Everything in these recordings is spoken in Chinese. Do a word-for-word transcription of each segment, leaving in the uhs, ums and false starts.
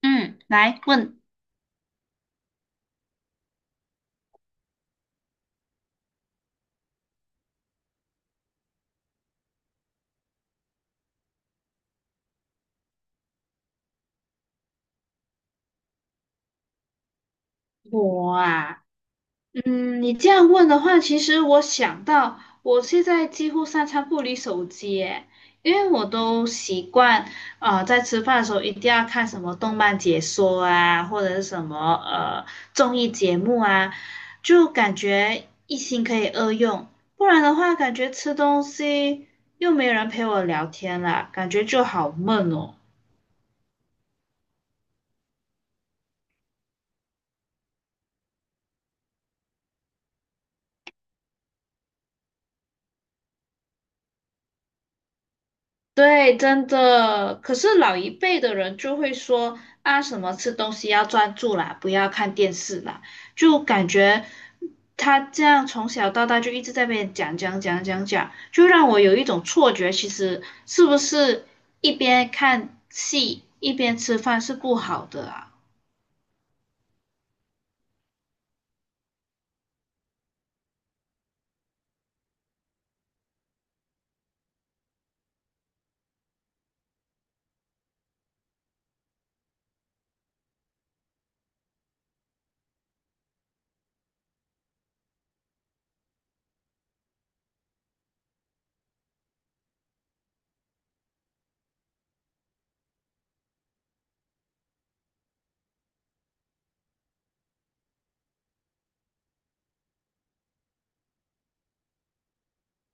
嗯，来问。我啊，嗯，你这样问的话，其实我想到，我现在几乎三餐不离手机耶，因为我都习惯，啊，在吃饭的时候一定要看什么动漫解说啊，或者是什么呃综艺节目啊，就感觉一心可以二用，不然的话，感觉吃东西又没有人陪我聊天啦，感觉就好闷哦。对，真的。可是老一辈的人就会说啊，什么吃东西要专注啦，不要看电视啦，就感觉他这样从小到大就一直在被讲讲讲讲讲，就让我有一种错觉，其实是不是一边看戏一边吃饭是不好的啊？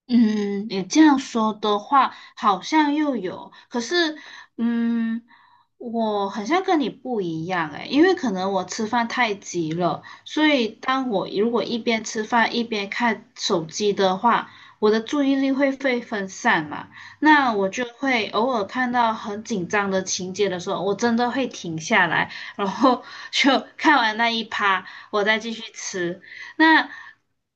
嗯，你这样说的话，好像又有，可是，嗯，我好像跟你不一样诶，因为可能我吃饭太急了，所以当我如果一边吃饭一边看手机的话，我的注意力会被分散嘛，那我就会偶尔看到很紧张的情节的时候，我真的会停下来，然后 就看完那一趴，我再继续吃。那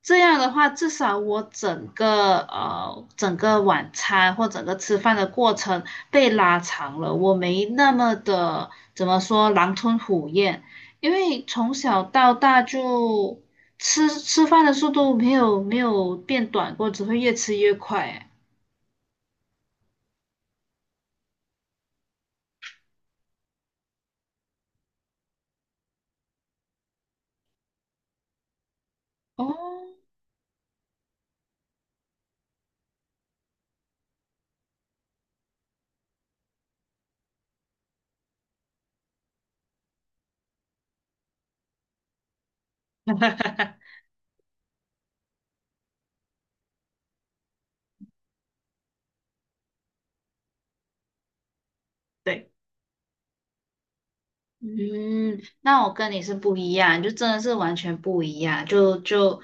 这样的话，至少我整个呃整个晚餐或整个吃饭的过程被拉长了，我没那么的怎么说狼吞虎咽，因为从小到大就吃吃饭的速度没有没有变短过，只会越吃越快。哎哦，对。嗯，那我跟你是不一样，就真的是完全不一样，就就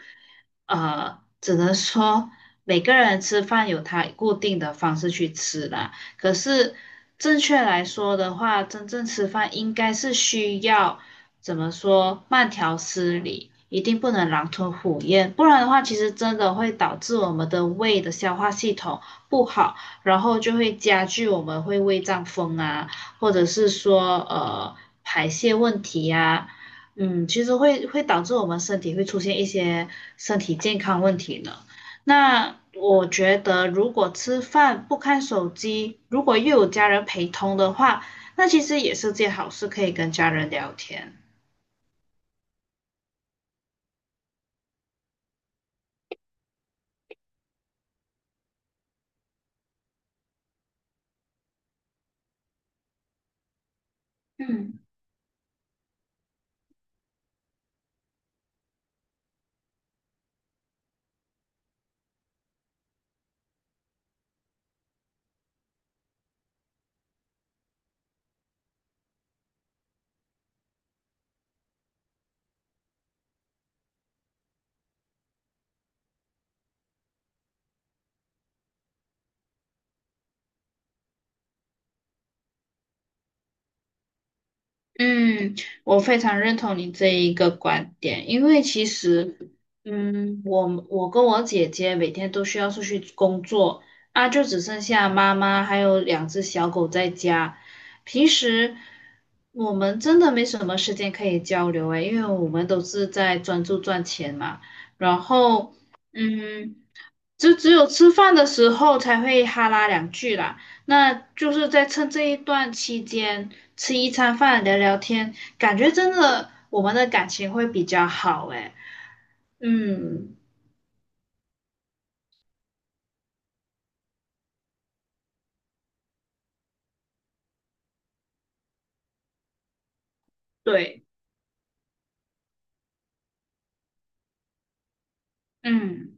呃，只能说每个人吃饭有他固定的方式去吃啦。可是正确来说的话，真正吃饭应该是需要怎么说，慢条斯理，一定不能狼吞虎咽，不然的话，其实真的会导致我们的胃的消化系统不好，然后就会加剧我们会胃胀风啊。或者是说呃排泄问题呀、嗯，其实会会导致我们身体会出现一些身体健康问题的。那我觉得，如果吃饭不看手机，如果又有家人陪同的话，那其实也是件好事，可以跟家人聊天。嗯。嗯，我非常认同你这一个观点，因为其实，嗯，我我跟我姐姐每天都需要出去工作，啊，就只剩下妈妈还有两只小狗在家。平时我们真的没什么时间可以交流诶，因为我们都是在专注赚钱嘛。然后，嗯。只只有吃饭的时候才会哈拉两句啦，那就是在趁这一段期间吃一餐饭聊聊天，感觉真的我们的感情会比较好诶。嗯，对，嗯。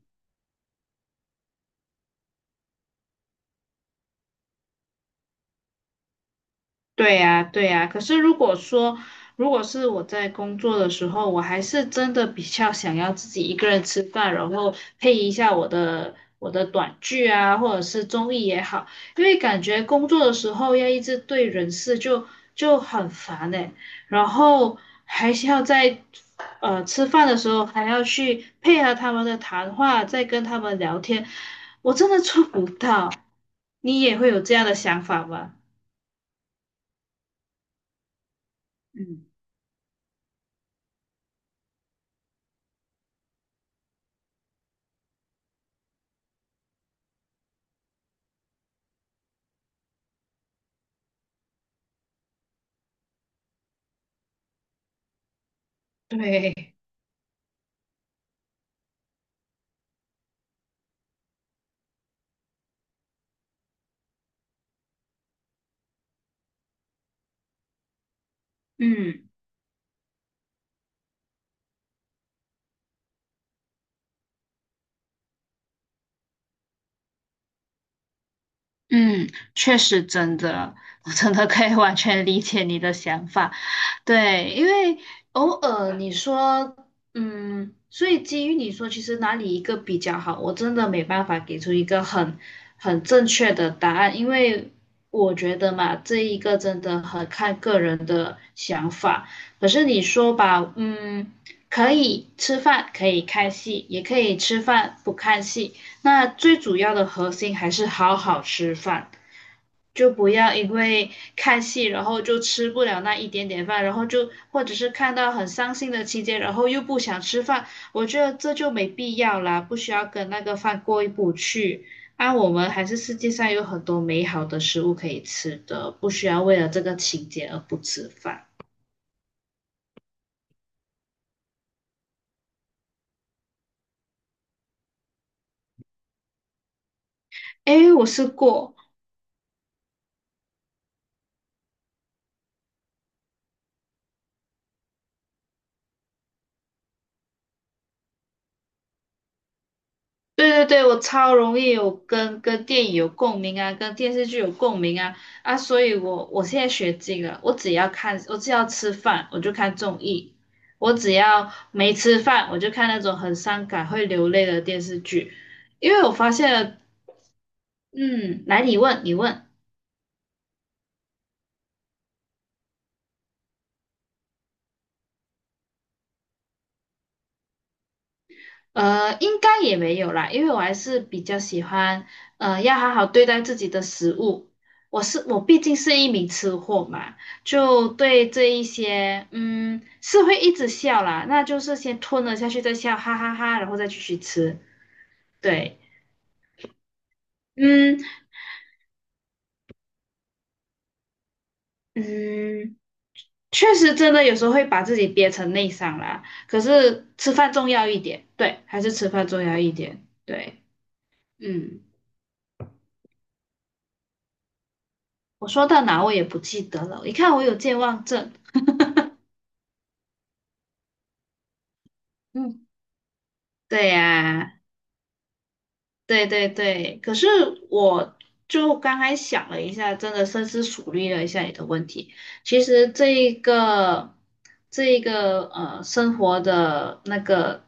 对呀，对呀。可是如果说，如果是我在工作的时候，我还是真的比较想要自己一个人吃饭，然后配一下我的我的短剧啊，或者是综艺也好，因为感觉工作的时候要一直对人事就就很烦诶，然后还是要在呃吃饭的时候还要去配合他们的谈话，再跟他们聊天，我真的做不到。你也会有这样的想法吗？嗯。对，嗯嗯，确实真的，我真的可以完全理解你的想法。对，因为偶尔你说，嗯，所以基于你说，其实哪里一个比较好，我真的没办法给出一个很很正确的答案，因为我觉得嘛，这一个真的很看个人的想法。可是你说吧，嗯，可以吃饭，可以看戏，也可以吃饭不看戏，那最主要的核心还是好好吃饭。就不要因为看戏，然后就吃不了那一点点饭，然后就或者是看到很伤心的情节，然后又不想吃饭，我觉得这就没必要啦，不需要跟那个饭过意不去。啊，我们还是世界上有很多美好的食物可以吃的，不需要为了这个情节而不吃饭。诶，我试过。对对对，我超容易有跟跟电影有共鸣啊，跟电视剧有共鸣啊。啊，所以我我现在学精了，我只要看，我只要吃饭我就看综艺，我只要没吃饭我就看那种很伤感会流泪的电视剧，因为我发现了。嗯，来你问你问。呃，应该也没有啦，因为我还是比较喜欢，呃，要好好对待自己的食物。我是我毕竟是一名吃货嘛，就对这一些，嗯，是会一直笑啦，那就是先吞了下去再笑，哈哈哈，然后再继续吃。对，嗯嗯，确实真的有时候会把自己憋成内伤啦，可是吃饭重要一点，对，还是吃饭重要一点，对。嗯，我说到哪我也不记得了，你看我有健忘症。嗯。对呀，对对对，可是我就刚才想了一下，真的深思熟虑了一下你的问题。其实这一个这一个呃生活的那个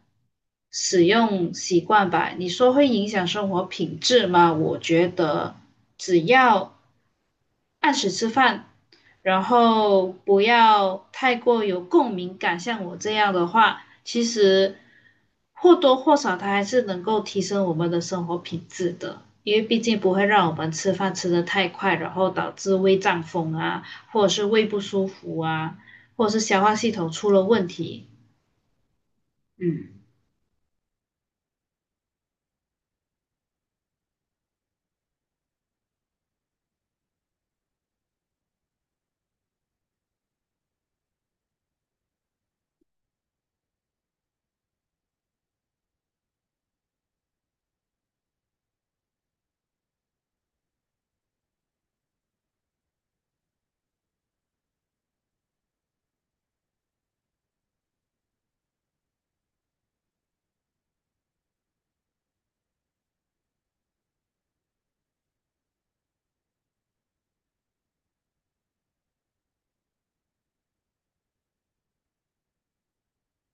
使用习惯吧，你说会影响生活品质吗？我觉得只要按时吃饭，然后不要太过有共鸣感，像我这样的话，其实或多或少它还是能够提升我们的生活品质的，因为毕竟不会让我们吃饭吃得太快，然后导致胃胀风啊，或者是胃不舒服啊，或者是消化系统出了问题。嗯，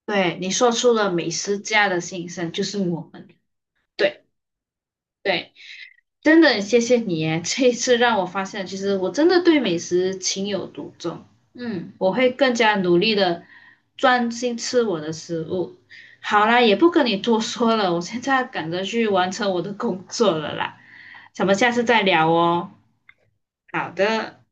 对，你说出了美食家的心声，就是我们。对对。真的谢谢你耶，这一次让我发现，其实我真的对美食情有独钟。嗯，我会更加努力的专心吃我的食物。好啦，也不跟你多说了，我现在赶着去完成我的工作了啦，咱们下次再聊哦。好的。